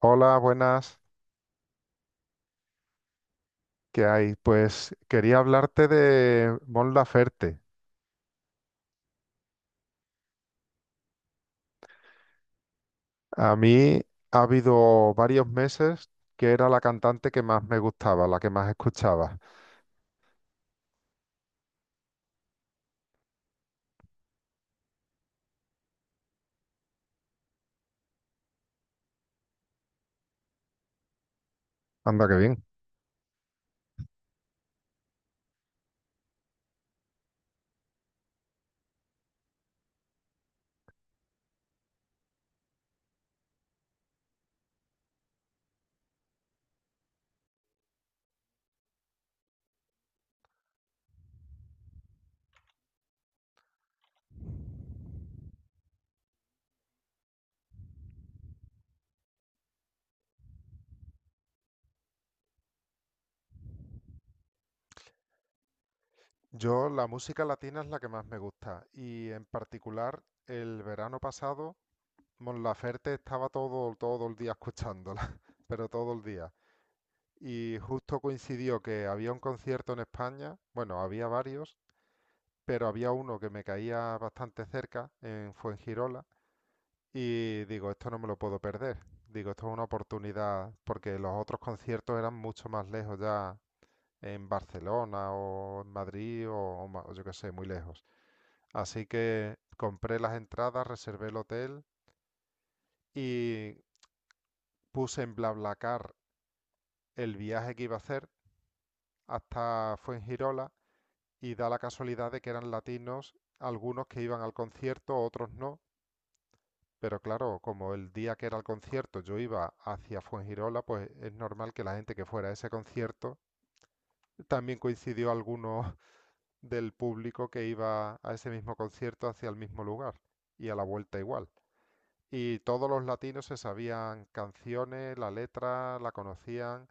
Hola, buenas. ¿Qué hay? Pues quería hablarte de Mon Laferte. A mí ha habido varios meses que era la cantante que más me gustaba, la que más escuchaba. Anda, qué bien. Yo la música latina es la que más me gusta y, en particular, el verano pasado Mon Laferte estaba todo, todo el día escuchándola, pero todo el día. Y justo coincidió que había un concierto en España, bueno, había varios, pero había uno que me caía bastante cerca en Fuengirola y digo, esto no me lo puedo perder. Digo, esto es una oportunidad porque los otros conciertos eran mucho más lejos ya, en Barcelona o en Madrid o o yo qué sé, muy lejos. Así que compré las entradas, reservé el hotel y puse en BlaBlaCar el viaje que iba a hacer hasta Fuengirola, y da la casualidad de que eran latinos, algunos que iban al concierto, otros no. Pero claro, como el día que era el concierto yo iba hacia Fuengirola, pues es normal que la gente que fuera a ese concierto también coincidió alguno del público que iba a ese mismo concierto hacia el mismo lugar, y a la vuelta igual. Y todos los latinos se sabían canciones, la letra, la conocían.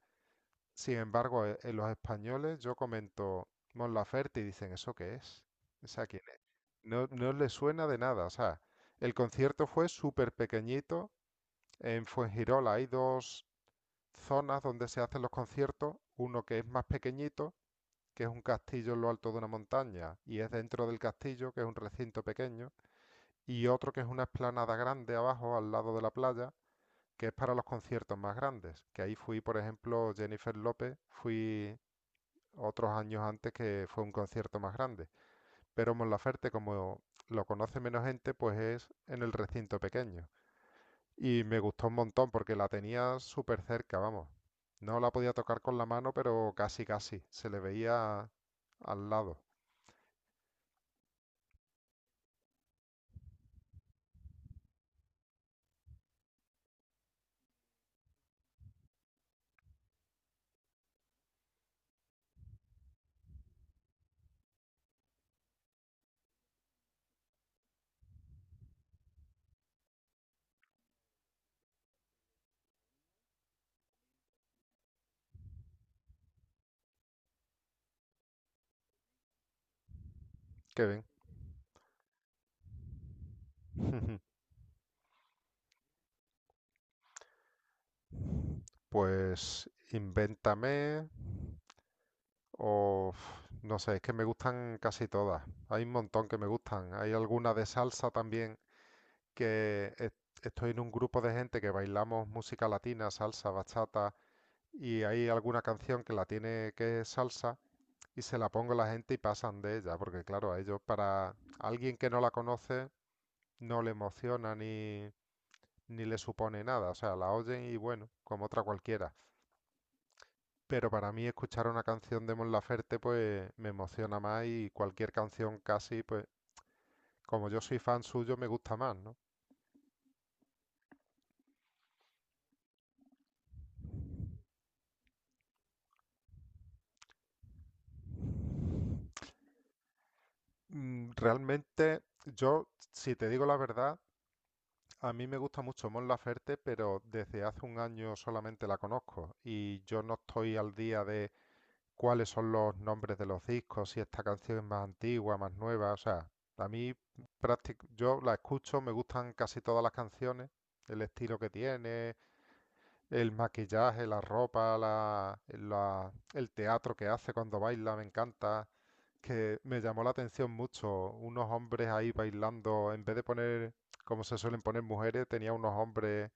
Sin embargo, en los españoles yo comento Mon Laferte y dicen, ¿eso qué es? O sea, ¿quién es? No, no les suena de nada. O sea, el concierto fue súper pequeñito. En Fuengirola hay dos zonas donde se hacen los conciertos, uno que es más pequeñito, que es un castillo en lo alto de una montaña y es dentro del castillo, que es un recinto pequeño, y otro que es una explanada grande abajo al lado de la playa, que es para los conciertos más grandes, que ahí fui, por ejemplo, Jennifer López, fui otros años antes, que fue un concierto más grande, pero Monlaferte, como lo conoce menos gente, pues es en el recinto pequeño. Y me gustó un montón porque la tenía súper cerca, vamos. No la podía tocar con la mano, pero casi, casi. Se le veía al lado. Qué bien. Pues Invéntame o uf, no sé, es que me gustan casi todas. Hay un montón que me gustan. Hay alguna de salsa también que es- estoy en un grupo de gente que bailamos música latina, salsa, bachata, y hay alguna canción que la tiene que es salsa, y se la pongo a la gente y pasan de ella, porque claro, a ellos, para alguien que no la conoce, no le emociona ni, ni le supone nada, o sea, la oyen y bueno, como otra cualquiera. Pero para mí escuchar una canción de Mon Laferte pues me emociona más, y cualquier canción casi, pues como yo soy fan suyo, me gusta más, ¿no? Realmente yo, si te digo la verdad, a mí me gusta mucho Mon Laferte, pero desde hace un año solamente la conozco y yo no estoy al día de cuáles son los nombres de los discos, si esta canción es más antigua, más nueva, o sea, a mí, yo la escucho, me gustan casi todas las canciones, el estilo que tiene, el maquillaje, la ropa, el teatro que hace cuando baila, me encanta, que me llamó la atención mucho, unos hombres ahí bailando, en vez de poner, como se suelen poner mujeres, tenía unos hombres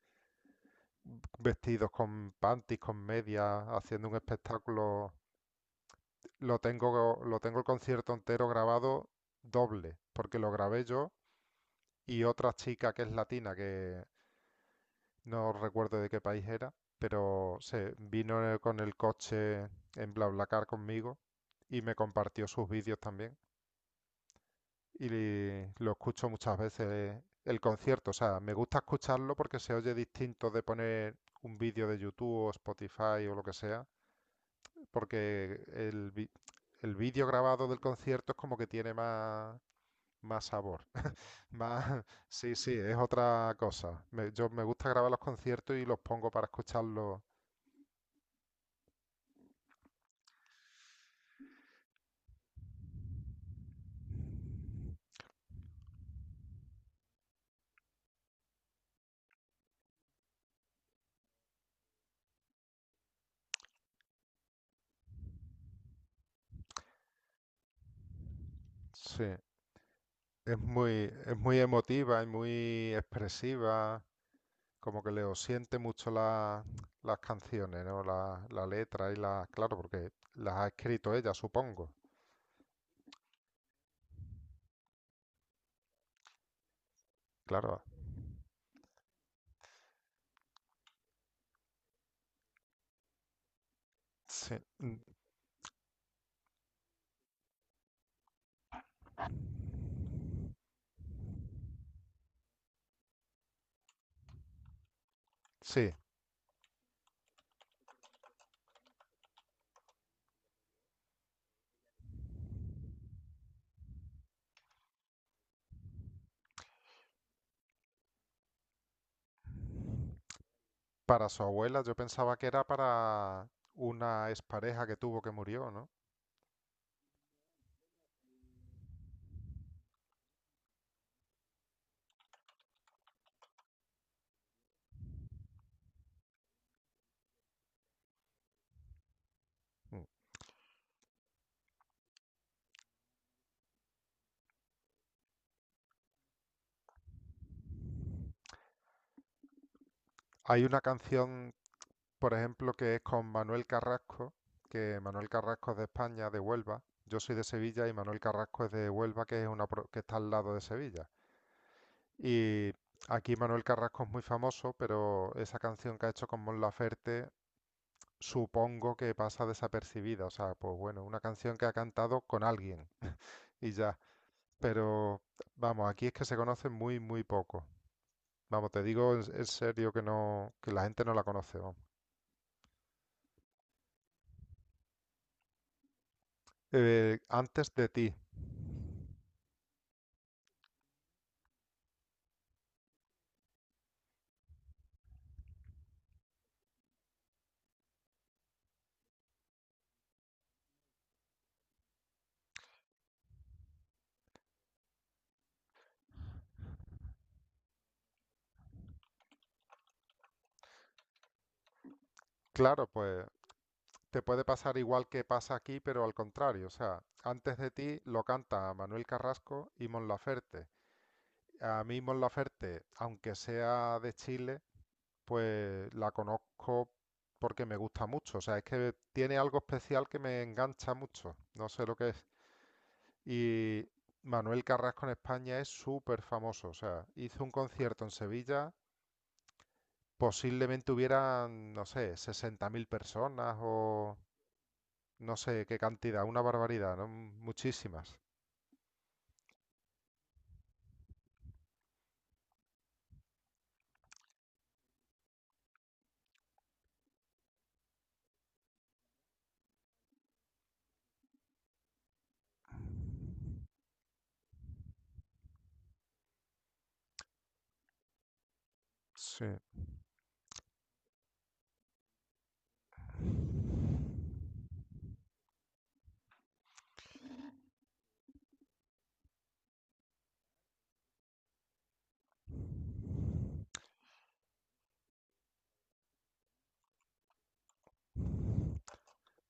vestidos con panties, con medias, haciendo un espectáculo. Lo tengo, lo tengo el concierto entero grabado doble, porque lo grabé yo y otra chica que es latina, que no recuerdo de qué país era, pero se vino con el coche en BlaBlaCar conmigo y me compartió sus vídeos también. Y lo escucho muchas veces el concierto. O sea, me gusta escucharlo porque se oye distinto de poner un vídeo de YouTube o Spotify o lo que sea. Porque el, el vídeo grabado del concierto es como que tiene más, más sabor. Más, sí, sí, es otra cosa. Yo me gusta grabar los conciertos y los pongo para escucharlos. Sí, es muy emotiva y muy expresiva, como que le siente mucho las canciones, ¿no? La letra y la, claro, porque las ha escrito ella, supongo. Claro, sí, mm, sí. Para su abuela, yo pensaba que era para una expareja que tuvo, que murió, ¿no? Mm. Hay una canción, por ejemplo, que es con Manuel Carrasco, que Manuel Carrasco es de España, de Huelva. Yo soy de Sevilla y Manuel Carrasco es de Huelva, que es una que está al lado de Sevilla. Y aquí Manuel Carrasco es muy famoso, pero esa canción que ha hecho con Mon Laferte, supongo que pasa desapercibida. O sea, pues bueno, una canción que ha cantado con alguien y ya. Pero vamos, aquí es que se conoce muy, muy poco. Vamos, te digo en serio que no, que la gente no la conoce, vamos. Antes de ti. Claro, pues te puede pasar igual que pasa aquí, pero al contrario. O sea, antes de ti lo canta Manuel Carrasco y Mon Laferte. A mí Mon Laferte, aunque sea de Chile, pues la conozco porque me gusta mucho. O sea, es que tiene algo especial que me engancha mucho. No sé lo que es. Y Manuel Carrasco en España es súper famoso. O sea, hizo un concierto en Sevilla. Posiblemente hubieran, no sé, 60.000 personas o no sé qué cantidad, una barbaridad, ¿no? Muchísimas. Sí.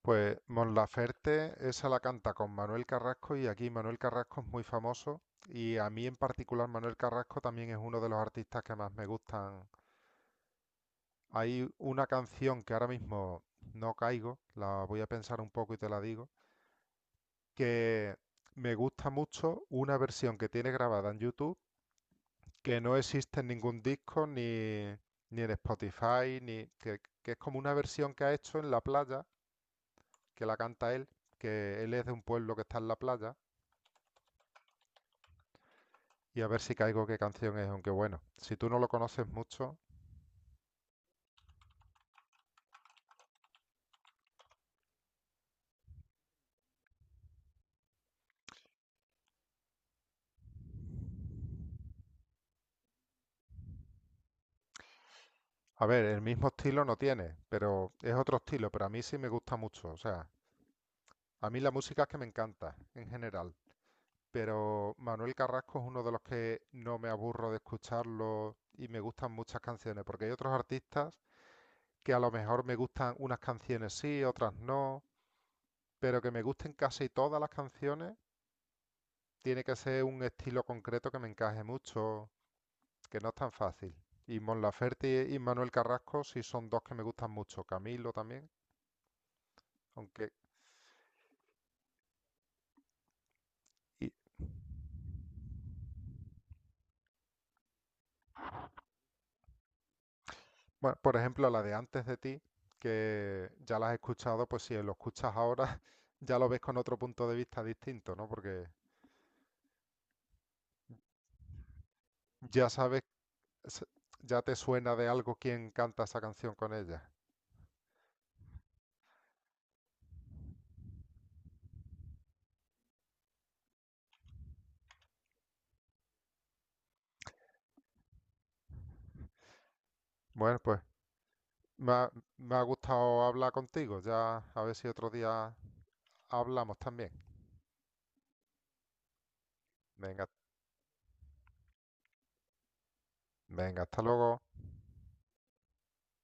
Pues Mon Laferte, esa la canta con Manuel Carrasco, y aquí Manuel Carrasco es muy famoso, y a mí en particular Manuel Carrasco también es uno de los artistas que más me gustan. Hay una canción que ahora mismo no caigo, la voy a pensar un poco y te la digo, que me gusta mucho una versión que tiene grabada en YouTube, que no existe en ningún disco ni, ni en Spotify, ni que es como una versión que ha hecho en la playa, que la canta él, que él es de un pueblo que está en la playa, y a ver si caigo qué canción es, aunque bueno, si tú no lo conoces mucho. A ver, el mismo estilo no tiene, pero es otro estilo, pero a mí sí me gusta mucho, o sea, a mí la música es que me encanta en general. Pero Manuel Carrasco es uno de los que no me aburro de escucharlo y me gustan muchas canciones, porque hay otros artistas que a lo mejor me gustan unas canciones sí, otras no, pero que me gusten casi todas las canciones, tiene que ser un estilo concreto que me encaje mucho, que no es tan fácil. Y Mon Laferte y Manuel Carrasco sí son dos que me gustan mucho, Camilo también, aunque. Y bueno, por ejemplo, la de antes de ti, que ya la has escuchado, pues si lo escuchas ahora, ya lo ves con otro punto de vista distinto, ¿no? Porque ya sabes, s- ya te suena de algo quién canta esa canción con ella. Bueno, pues me ha, me ha gustado hablar contigo. Ya a ver si otro día hablamos también. Venga, venga, hasta luego.